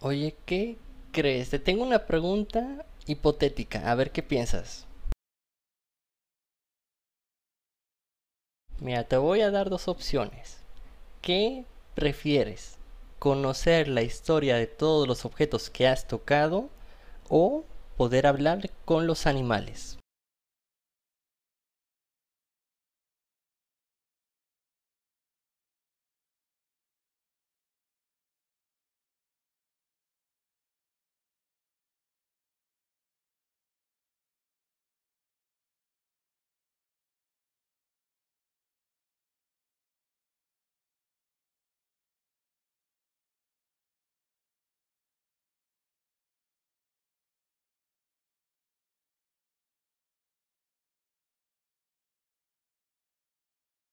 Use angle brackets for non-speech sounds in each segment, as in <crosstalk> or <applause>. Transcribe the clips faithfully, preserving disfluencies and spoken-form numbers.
Oye, ¿qué crees? Te tengo una pregunta hipotética, a ver qué piensas. Mira, te voy a dar dos opciones. ¿Qué prefieres? ¿Conocer la historia de todos los objetos que has tocado o poder hablar con los animales?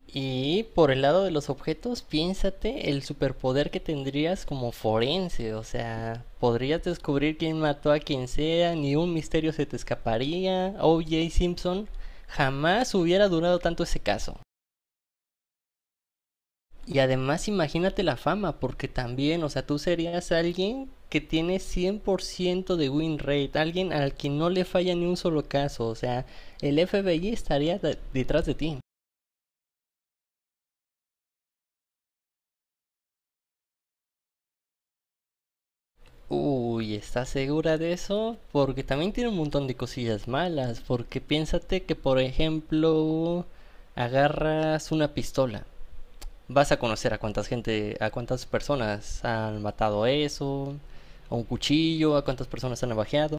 Y por el lado de los objetos, piénsate el superpoder que tendrías como forense. O sea, podrías descubrir quién mató a quien sea, ni un misterio se te escaparía. O OJ Simpson jamás hubiera durado tanto ese caso. Y además imagínate la fama, porque también, o sea, tú serías alguien que tiene cien por ciento de win rate, alguien al que no le falla ni un solo caso. O sea, el F B I estaría de- detrás de ti. Uy, ¿estás segura de eso? Porque también tiene un montón de cosillas malas. Porque piénsate que, por ejemplo, agarras una pistola. Vas a conocer a cuántas gente, a cuántas personas han matado eso, a un cuchillo, a cuántas personas han navajeado.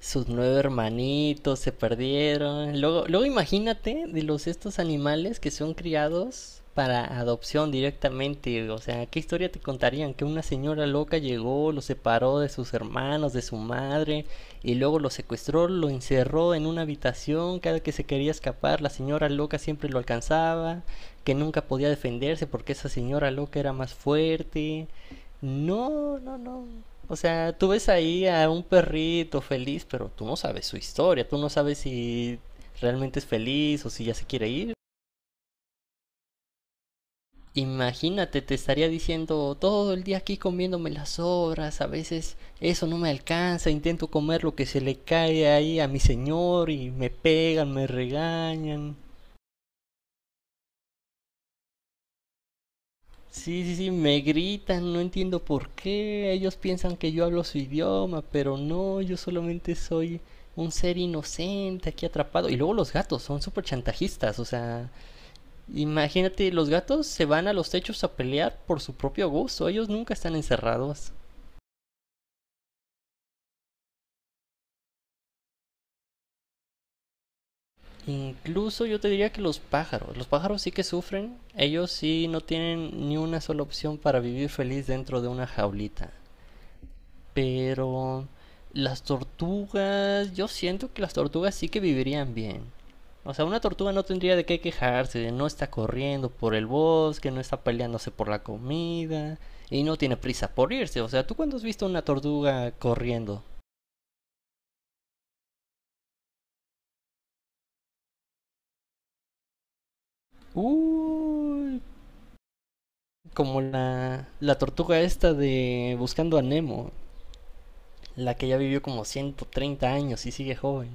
Sus nueve hermanitos se perdieron. Luego, luego imagínate de los estos animales que son criados para adopción directamente. O sea, ¿qué historia te contarían? Que una señora loca llegó, los separó de sus hermanos, de su madre, y luego los secuestró, lo encerró en una habitación. Cada que se quería escapar, la señora loca siempre lo alcanzaba, que nunca podía defenderse porque esa señora loca era más fuerte. No, no, no. O sea, tú ves ahí a un perrito feliz, pero tú no sabes su historia, tú no sabes si realmente es feliz o si ya se quiere ir. Imagínate, te estaría diciendo todo el día aquí comiéndome las sobras, a veces eso no me alcanza, intento comer lo que se le cae ahí a mi señor y me pegan, me regañan. Sí, sí, sí, me gritan, no entiendo por qué. Ellos piensan que yo hablo su idioma, pero no, yo solamente soy un ser inocente aquí atrapado. Y luego los gatos son súper chantajistas, o sea, imagínate, los gatos se van a los techos a pelear por su propio gusto, ellos nunca están encerrados. Incluso yo te diría que los pájaros, los pájaros sí que sufren, ellos sí no tienen ni una sola opción para vivir feliz dentro de una jaulita. Pero las tortugas, yo siento que las tortugas sí que vivirían bien. O sea, una tortuga no tendría de qué quejarse, de no está corriendo por el bosque, no está peleándose por la comida y no tiene prisa por irse. O sea, ¿tú cuándo has visto una tortuga corriendo? Uy, como la, la tortuga esta de Buscando a Nemo, la que ya vivió como ciento treinta años y sigue joven.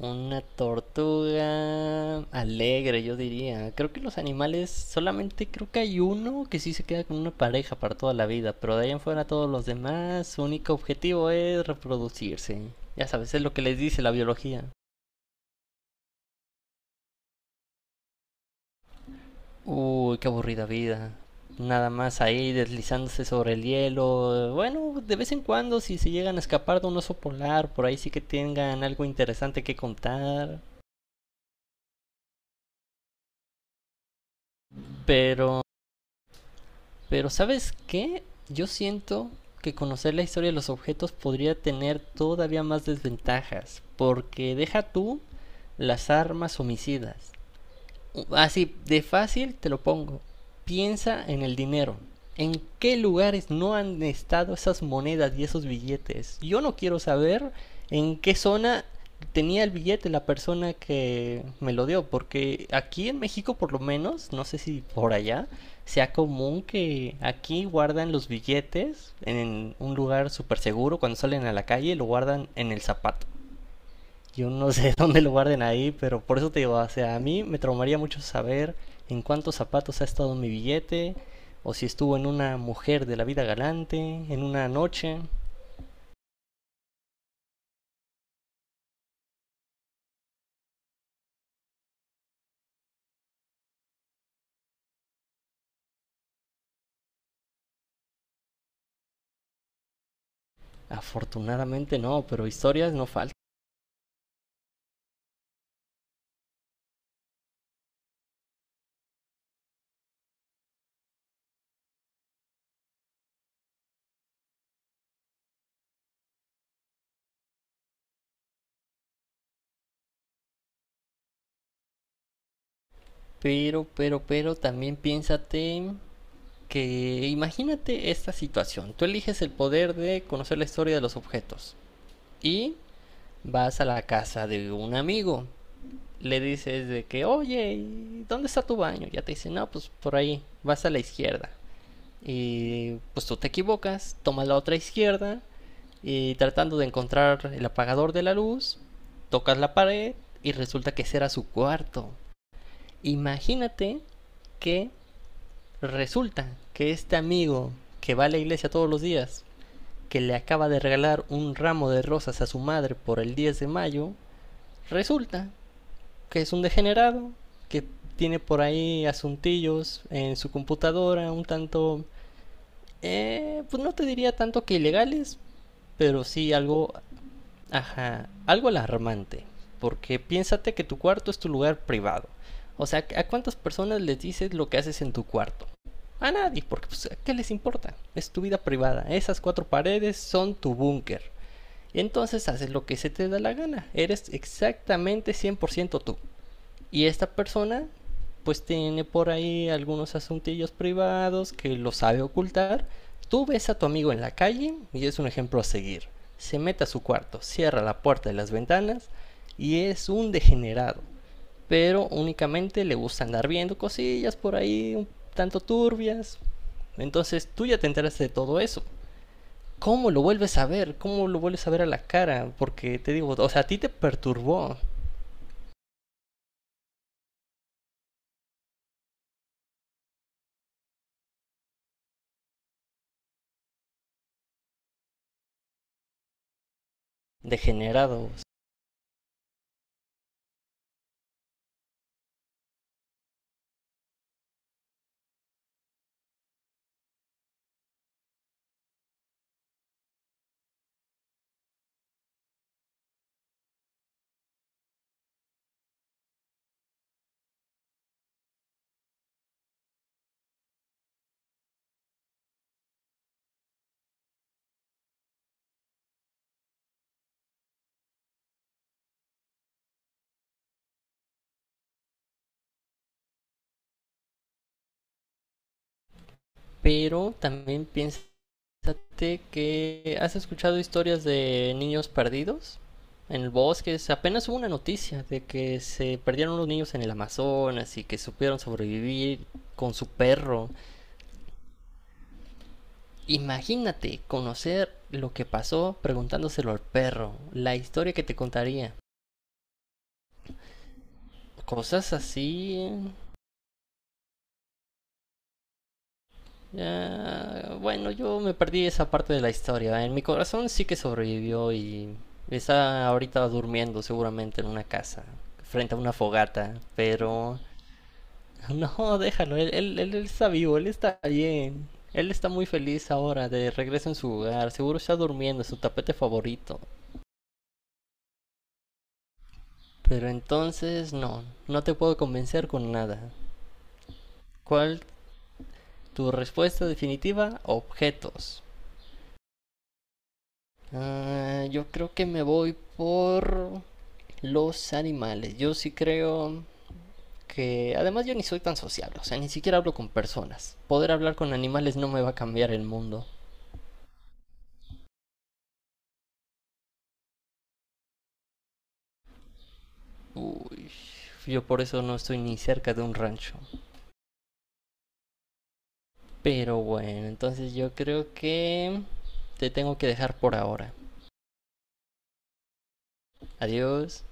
Una tortuga alegre, yo diría. Creo que los animales, solamente creo que hay uno que sí se queda con una pareja para toda la vida, pero de ahí en fuera todos los demás, su único objetivo es reproducirse. Ya sabes, es lo que les dice la biología. Uy, qué aburrida vida. Nada más ahí deslizándose sobre el hielo. Bueno, de vez en cuando si se llegan a escapar de un oso polar, por ahí sí que tengan algo interesante que contar. Pero Pero ¿sabes qué? Yo siento que conocer la historia de los objetos podría tener todavía más desventajas, porque deja tú las armas homicidas así de fácil te lo pongo. Piensa en el dinero. ¿En qué lugares no han estado esas monedas y esos billetes? Yo no quiero saber en qué zona tenía el billete la persona que me lo dio, porque aquí en México por lo menos, no sé si por allá, sea común que aquí guardan los billetes en un lugar súper seguro, cuando salen a la calle lo guardan en el zapato. Yo no sé <laughs> dónde lo guarden ahí, pero por eso te digo, o sea, a mí me traumaría mucho saber en cuántos zapatos ha estado mi billete, o si estuvo en una mujer de la vida galante, en una noche. Afortunadamente no, pero historias no faltan. Pero, pero, pero también piénsate que imagínate esta situación. Tú eliges el poder de conocer la historia de los objetos y vas a la casa de un amigo le dices de que, oye, ¿dónde está tu baño? Ya te dice, no, pues por ahí, vas a la izquierda. Y pues tú te equivocas, tomas la otra izquierda y tratando de encontrar el apagador de la luz, tocas la pared y resulta que ese era su cuarto. Imagínate que resulta que este amigo que va a la iglesia todos los días, que le acaba de regalar un ramo de rosas a su madre por el diez de mayo, resulta que es un degenerado, que tiene por ahí asuntillos en su computadora, un tanto, eh, pues no te diría tanto que ilegales, pero sí algo, ajá, algo alarmante, porque piénsate que tu cuarto es tu lugar privado. O sea, ¿a cuántas personas les dices lo que haces en tu cuarto? A nadie, porque pues, ¿qué les importa? Es tu vida privada. Esas cuatro paredes son tu búnker. Entonces haces lo que se te da la gana. Eres exactamente cien por ciento tú. Y esta persona pues tiene por ahí algunos asuntillos privados que lo sabe ocultar. Tú ves a tu amigo en la calle y es un ejemplo a seguir. Se mete a su cuarto, cierra la puerta y las ventanas y es un degenerado. Pero únicamente le gusta andar viendo cosillas por ahí un tanto turbias. Entonces tú ya te enteraste de todo eso. ¿Cómo lo vuelves a ver? ¿Cómo lo vuelves a ver a la cara? Porque te digo, o sea, a ti te perturbó. Degenerado. Pero también piénsate que has escuchado historias de niños perdidos en el bosque. Apenas hubo una noticia de que se perdieron unos niños en el Amazonas y que supieron sobrevivir con su perro. Imagínate conocer lo que pasó preguntándoselo al perro, la historia que te contaría. Cosas así. Ya, bueno, yo me perdí esa parte de la historia. En mi corazón sí que sobrevivió y está ahorita durmiendo seguramente en una casa, frente a una fogata. Pero <laughs> no, déjalo, él, él, él está vivo, él está bien. Él está muy feliz ahora de regreso en su hogar, seguro está durmiendo en su tapete favorito. Pero entonces no, no te puedo convencer con nada. ¿Cuál tu respuesta definitiva? Objetos. Ah, yo creo que me voy por los animales. Yo sí creo que... Además yo ni soy tan sociable, o sea, ni siquiera hablo con personas. Poder hablar con animales no me va a cambiar el mundo. Uy, yo por eso no estoy ni cerca de un rancho. Pero bueno, entonces yo creo que te tengo que dejar por ahora. Adiós.